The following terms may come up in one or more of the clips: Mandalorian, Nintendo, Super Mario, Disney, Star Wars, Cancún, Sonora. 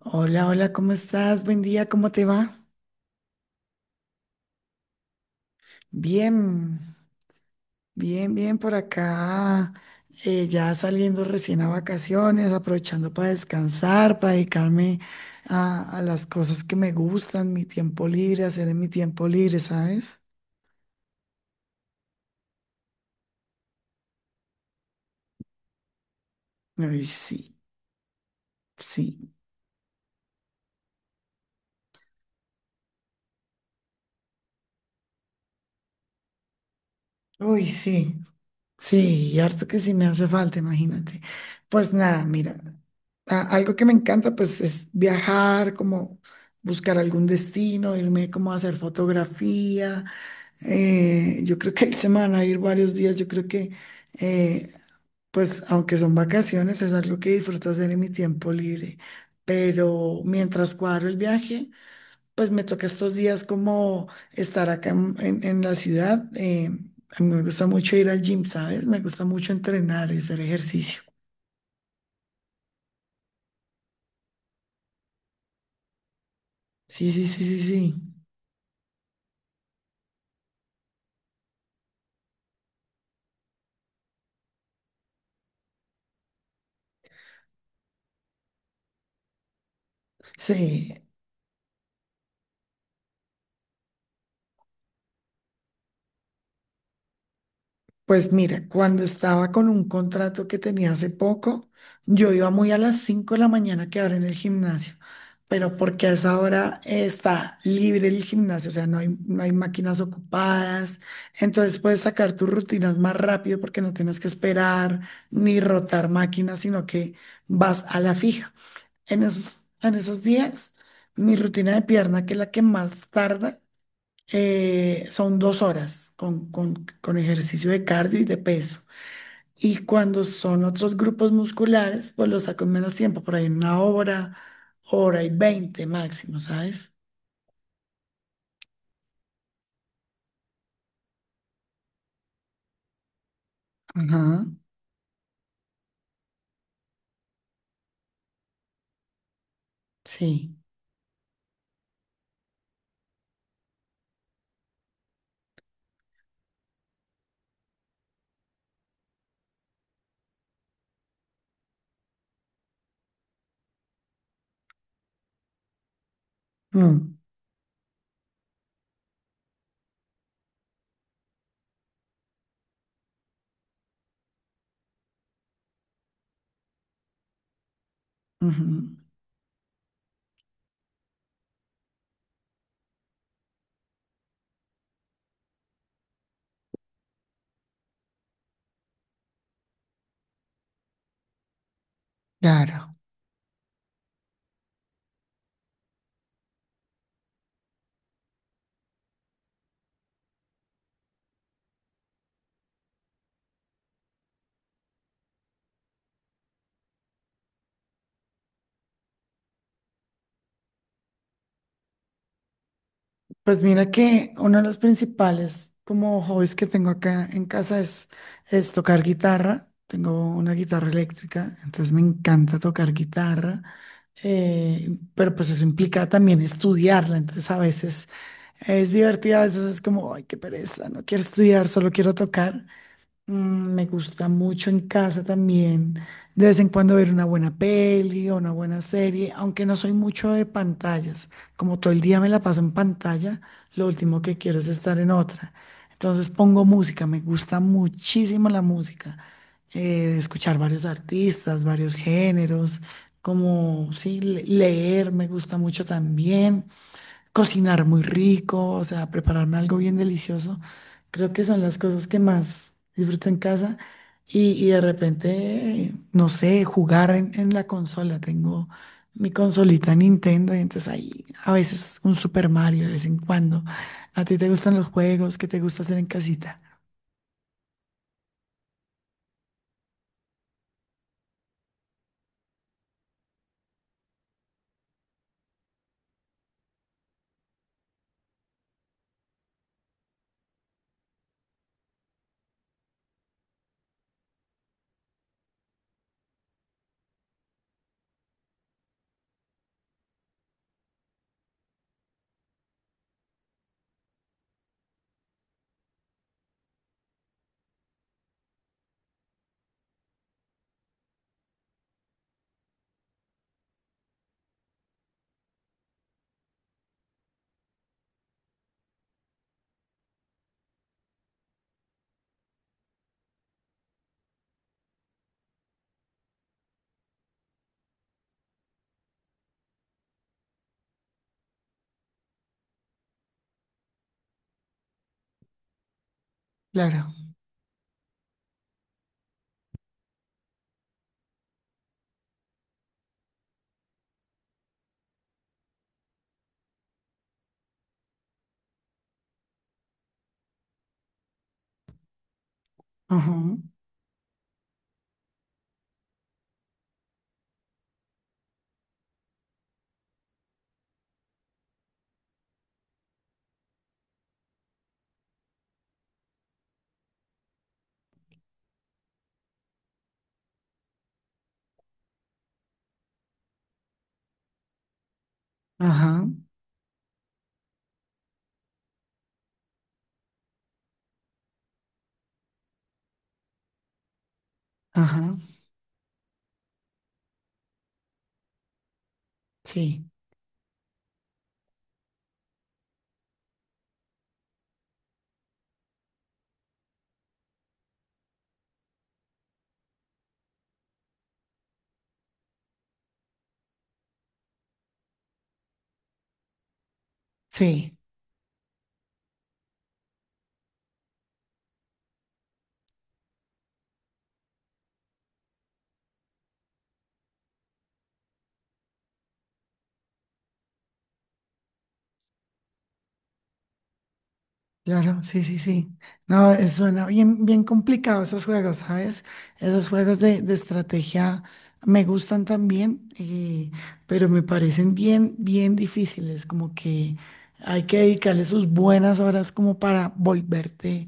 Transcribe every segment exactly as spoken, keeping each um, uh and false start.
Hola, hola, ¿cómo estás? Buen día, ¿cómo te va? Bien, bien, bien por acá. Eh, ya saliendo recién a vacaciones, aprovechando para descansar, para dedicarme a, a las cosas que me gustan, mi tiempo libre, hacer en mi tiempo libre, ¿sabes? Uy, sí, sí. Uy, sí. Sí, y harto que sí me hace falta, imagínate. Pues nada, mira, a- algo que me encanta pues es viajar, como buscar algún destino, irme como a hacer fotografía. Eh, yo creo que ahí se me van a ir varios días, yo creo que eh, pues aunque son vacaciones, es algo que disfruto hacer en mi tiempo libre. Pero mientras cuadro el viaje... Pues me toca estos días como estar acá en, en- en la ciudad. Eh, a mí me gusta mucho ir al gym, ¿sabes? Me gusta mucho entrenar y hacer ejercicio. Sí, sí, sí, sí, sí. Sí, pues mira, cuando estaba con un contrato que tenía hace poco, yo iba muy a las cinco de la mañana a quedar en el gimnasio, pero porque a esa hora eh, está libre el gimnasio, o sea, no hay, no hay máquinas ocupadas, entonces puedes sacar tus rutinas más rápido porque no tienes que esperar ni rotar máquinas, sino que vas a la fija. En esos, en esos días, mi rutina de pierna, que es la que más tarda, eh, son dos horas con, con- con ejercicio de cardio y de peso. Y cuando son otros grupos musculares, pues los saco en menos tiempo, por ahí en una hora, hora y veinte máximo, ¿sabes? Ajá, sí. Mm, ujú, claro. Pues mira que uno de los principales como hobbies que tengo acá en casa es, es tocar guitarra. Tengo una guitarra eléctrica, entonces me encanta tocar guitarra. Eh, pero pues eso implica también estudiarla, entonces a veces es divertido, a veces es como, ay, qué pereza, no quiero estudiar, solo quiero tocar. Mm, me gusta mucho en casa también, de vez en cuando ver una buena peli o una buena serie, aunque no soy mucho de pantallas, como todo el día me la paso en pantalla, lo último que quiero es estar en otra. Entonces pongo música, me gusta muchísimo la música, eh, escuchar varios artistas, varios géneros, como sí, le- leer me gusta mucho también, cocinar muy rico, o sea, prepararme algo bien delicioso. Creo que son las cosas que más disfruto en casa. Y, y de repente, no sé, jugar en, en, la consola. Tengo mi consolita Nintendo y entonces ahí a veces un Super Mario de vez en cuando. ¿A ti te gustan los juegos? ¿Qué te gusta hacer en casita? Claro. Ajá, ajá, ajá. Sí, sí. Claro, sí, sí, sí. No, eh, suena bien, bien complicado esos juegos, ¿sabes? Esos juegos de, de estrategia me gustan también, eh, pero me parecen bien, bien difíciles, como que hay que dedicarle sus buenas horas como para volverte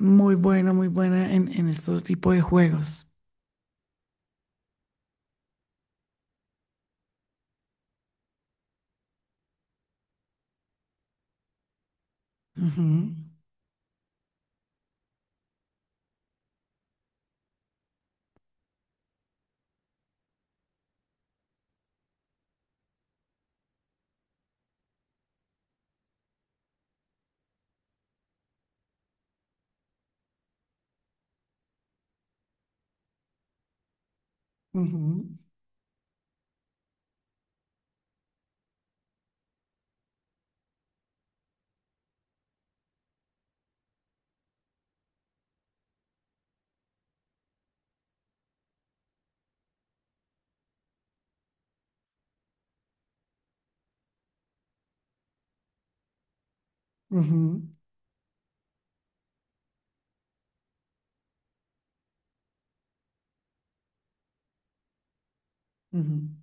muy buena, muy buena en, en, estos tipos de juegos. Ujú, ujú, ujú, ujú.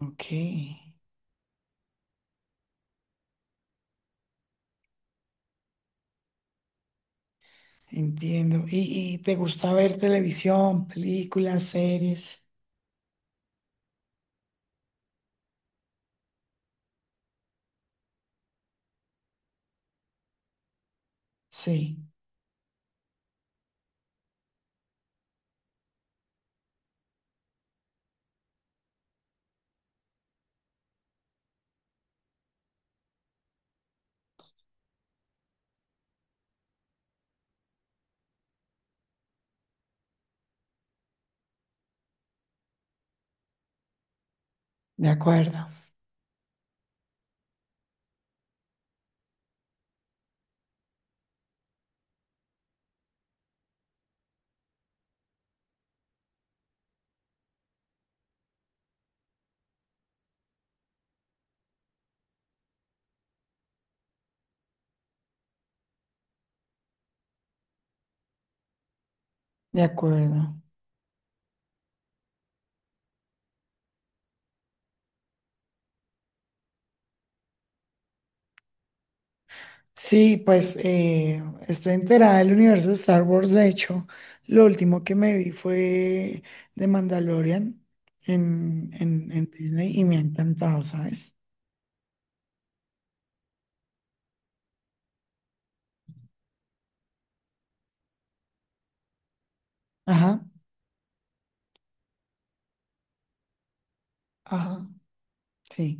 Ok, entiendo. ¿Y, y te gusta ver televisión, películas, series? Sí, de acuerdo, de acuerdo. Sí, pues eh, estoy enterada del universo de Star Wars. De hecho, lo último que me vi fue de Mandalorian en, en, en Disney y me ha encantado, ¿sabes? Ajá, ajá, sí.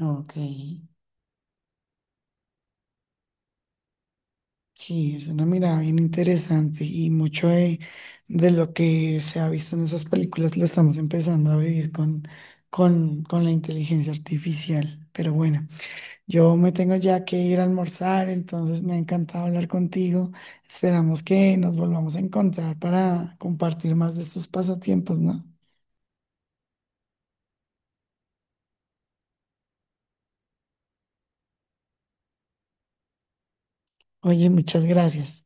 Ok. Sí, es una mirada bien interesante y mucho de, de, lo que se ha visto en esas películas lo estamos empezando a vivir con, con, con la inteligencia artificial. Pero bueno. Yo me tengo ya que ir a almorzar, entonces me ha encantado hablar contigo. Esperamos que nos volvamos a encontrar para compartir más de estos pasatiempos, ¿no? Oye, muchas gracias.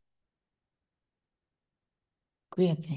Cuídate.